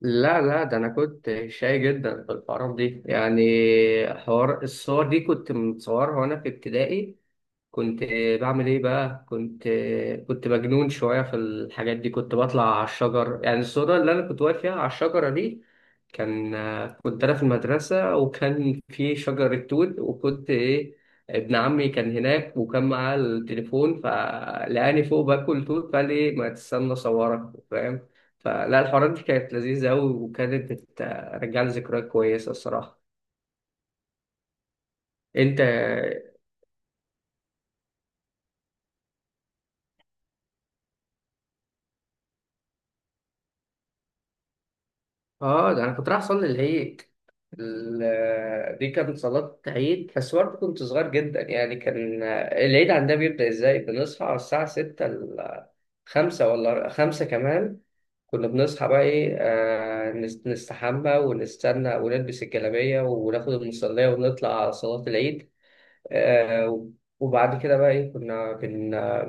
لا، لا، ده انا كنت شاي جدا في الحوارات دي يعني. حوار الصور دي كنت متصورها وانا في ابتدائي. كنت بعمل ايه بقى، كنت مجنون شويه في الحاجات دي، كنت بطلع على الشجر، يعني الصوره اللي انا كنت واقف فيها على الشجره دي. كان كنت انا في المدرسه وكان في شجره توت، وكنت ايه، ابن عمي كان هناك وكان معاه التليفون فلقاني فوق باكل توت، فقال لي إيه، ما تستنى صورك، فاهم؟ فلا، الحوارات دي كانت لذيذه قوي، وكانت بترجع لي ذكريات كويسه الصراحه. انت اه، ده انا كنت رايح اصلي العيد. دي كانت صلاة عيد، بس برضه كنت صغير جدا. يعني كان العيد عندنا بيبدأ ازاي؟ بنصحى على الساعة ستة، خمسة، ولا خمسة كمان. كنا بنصحى بقى ايه، نستحمى ونستنى ونلبس الجلابية وناخد المصلية ونطلع على صلاة العيد. آه، وبعد كده بقى إيه، كنا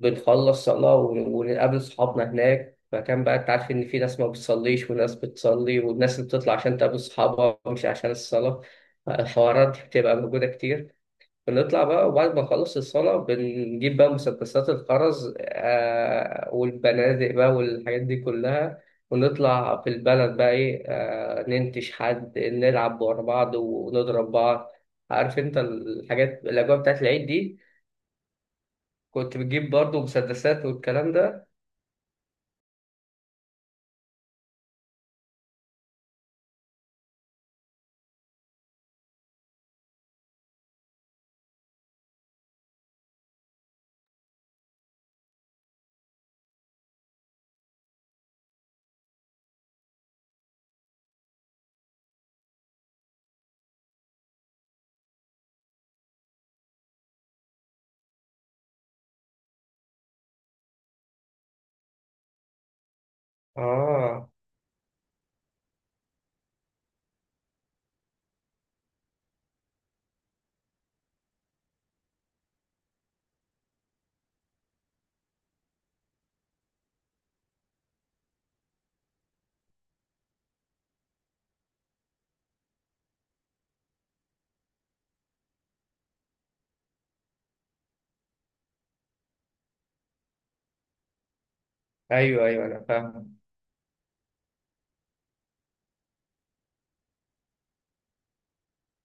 بنخلص صلاة ونقابل صحابنا هناك. فكان بقى، أنت عارف إن في ناس ما بتصليش وناس بتصلي، والناس اللي بتطلع عشان تقابل صحابها مش عشان الصلاة. الحوارات دي بتبقى موجودة كتير. بنطلع بقى، وبعد ما نخلص الصلاة بنجيب بقى مسدسات الخرز، آه، والبنادق بقى والحاجات دي كلها، ونطلع في البلد بقى إيه، آه، ننتش حد، نلعب ورا بعض ونضرب بعض. عارف أنت الحاجات، الأجواء بتاعت العيد دي. كنت بتجيب برضو مسدسات والكلام ده. آه، أيوه أيوه، أنا فاهم.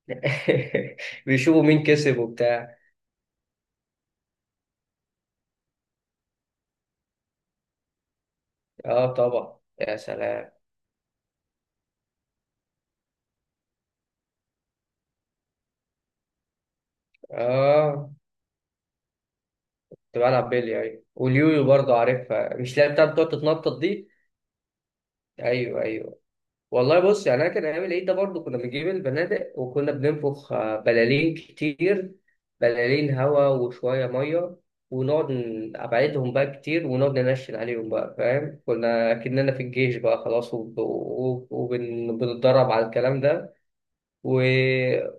بيشوفوا مين كسب وبتاع. آه، طبعا، يا سلام. آه، كنت بلعب بيلي، ايوه، واليويو برضه عارفها، مش اللي هي بتاعت بتقعد تتنطط دي. ايوه ايوه. والله بص، يعني انا كان ايام العيد ده برضه كنا بنجيب البنادق، وكنا بننفخ بلالين كتير، بلالين هوا وشويه ميه، ونقعد ابعدهم بقى كتير، ونقعد ننشن عليهم بقى، فاهم؟ كنا كأننا في الجيش بقى خلاص، وبنتدرب على الكلام ده. و...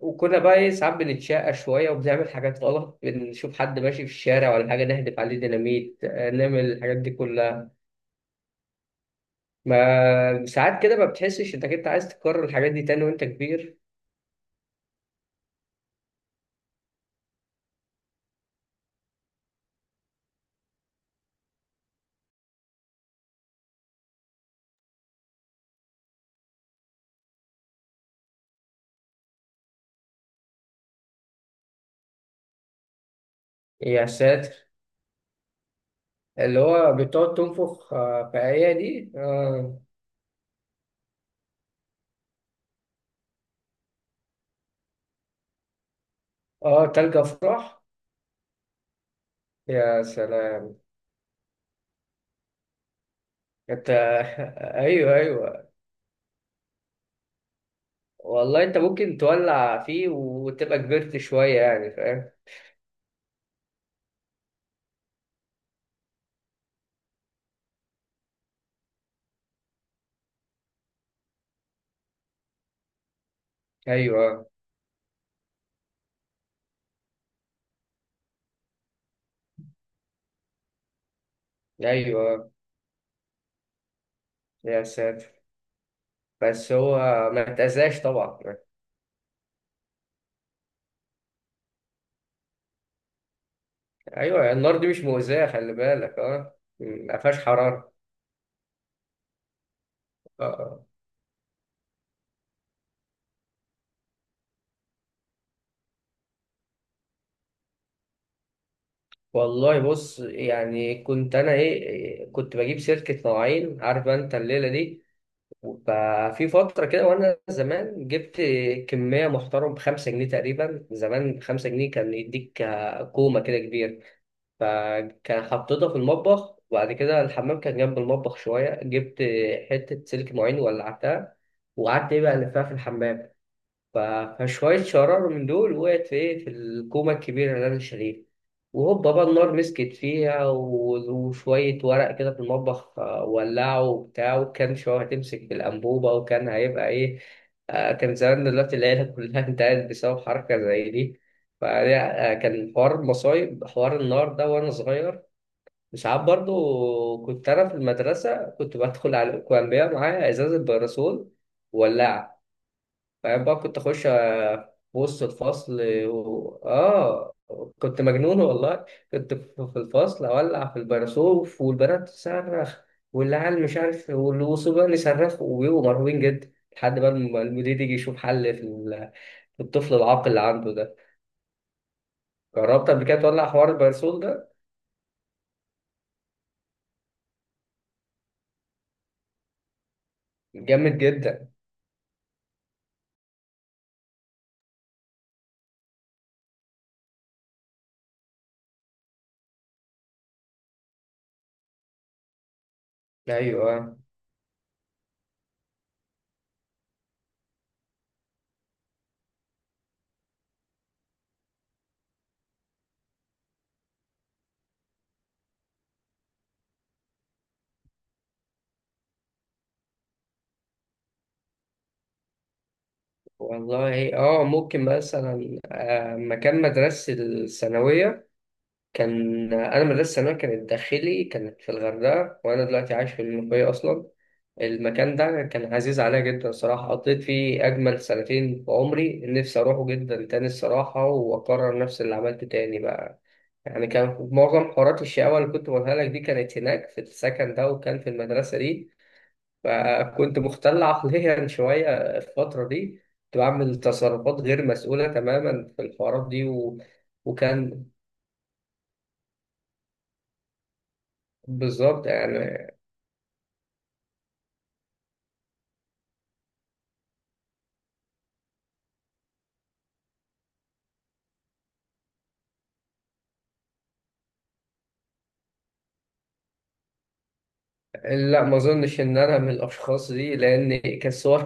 وكنا بقى ايه، ساعات بنتشقى شوية وبنعمل حاجات غلط، بنشوف حد ماشي في الشارع ولا حاجة نهدف عليه ديناميت، نعمل الحاجات دي كلها. ما ساعات كده ما بتحسش انك انت عايز تكرر الحاجات دي تاني وانت كبير. يا ساتر. اللي هو بتقعد تنفخ في آية دي، اه. تلج أفراح. يا سلام. انت ايوه ايوه. والله انت ممكن تولع فيه وتبقى كبرت شوية، يعني فاهم؟ ايوه ايوه. يا ساتر. بس هو ما اتأذاش طبعا. ايوه، النار دي مش مؤذية، خلي بالك، اه، ما فيهاش حرارة. آه. والله بص، يعني كنت انا ايه، كنت بجيب سلكة مواعين، عارف انت الليلة دي. ففي فترة كده وانا زمان جبت كمية محترم بخمسة جنيه تقريبا، زمان بخمسة جنيه كان يديك كومة كده كبيرة. فكان حطيتها في المطبخ، وبعد كده الحمام كان جنب المطبخ شوية، جبت حتة سلك معين ولعتها، وقعدت إيه بقى ألفها في الحمام. ف- فشوية شرار من دول وقعت في إيه، في الكومة الكبيرة اللي أنا شاريها، وهوبا بقى النار مسكت فيها، وشوية ورق كده في المطبخ ولعوا وبتاع، وكان شوية هتمسك في الأنبوبة، وكان هيبقى إيه، كان زمان دلوقتي العيلة كلها انتهت بسبب حركة زي دي. فكان حوار المصايب حوار النار ده وأنا صغير. وساعات برضو كنت أنا في المدرسة كنت بدخل على الأكوانبية معايا إزازة باراسول، ولا بعد بقى كنت اخش في وسط الفصل. و... اه كنت مجنون والله. كنت في الفصل اولع في البراسوف، والبنات تصرخ والعيال مش عارف، والوصبيان يصرخوا وبيبقوا مرعوبين جدا، لحد بقى ما المدير يجي يشوف حل في في الطفل العاقل اللي عنده ده. جربت قبل كده تولع حوار البرسول ده؟ جامد جدا. ايوه، والله اه، ممكن مثلا مكان مدرسة الثانوية. كان انا مدرسه ثانوي كانت داخلي، كانت في الغردقه، وانا دلوقتي عايش في المنوفيه اصلا. المكان ده كان عزيز عليا جدا صراحه، قضيت فيه اجمل سنتين في عمري، نفسي اروحه جدا تاني الصراحه واكرر نفس اللي عملته تاني بقى. يعني كان معظم حوارات الشقاوه اللي كنت بقولها لك دي كانت هناك في السكن ده، وكان في المدرسه دي. فكنت مختل عقليا شويه، الفتره دي كنت بعمل تصرفات غير مسؤوله تماما في الحوارات دي و... وكان بالظبط يعني. لا، ما اظنش ان انا من الاشخاص دي، لان كانت صور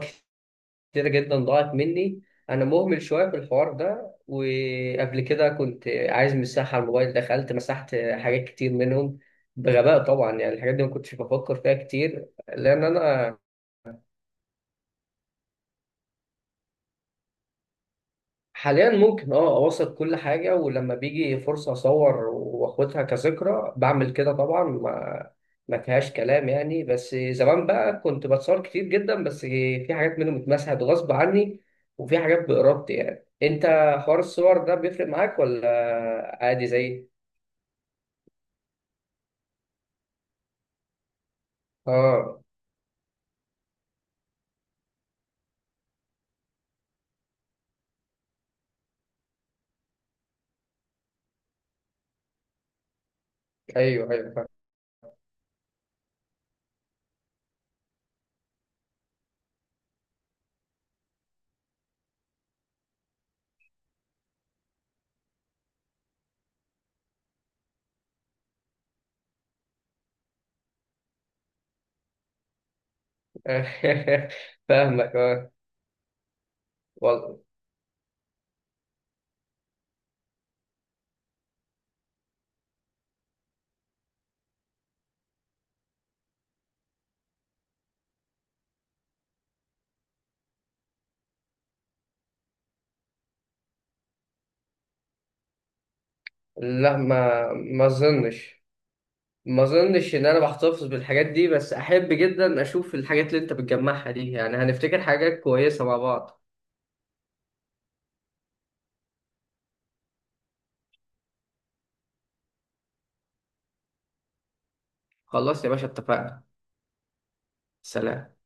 كتير جدا ضاعت مني، انا مهمل شويه في الحوار ده. وقبل كده كنت عايز مساحه على الموبايل، دخلت مسحت حاجات كتير منهم، بغباء طبعا. يعني الحاجات دي ما كنتش بفكر فيها كتير، لان انا حاليا ممكن اه اوثق كل حاجة، ولما بيجي فرصة اصور واخدها كذكرى بعمل كده طبعا، ما فيهاش كلام يعني. بس زمان بقى كنت بتصور كتير جدا، بس في حاجات منهم اتمسحت غصب عني، وفي حاجات بإرادتي. يعني انت، حوار الصور ده بيفرق معاك ولا عادي زي اه؟ ايوه ايوه، فاهم. فاهمك، اه. والله لا، ما اظنش ان انا بحتفظ بالحاجات دي، بس احب جدا اشوف الحاجات اللي انت بتجمعها دي، يعني هنفتكر حاجات كويسة مع بعض. خلاص يا باشا، اتفقنا. سلام.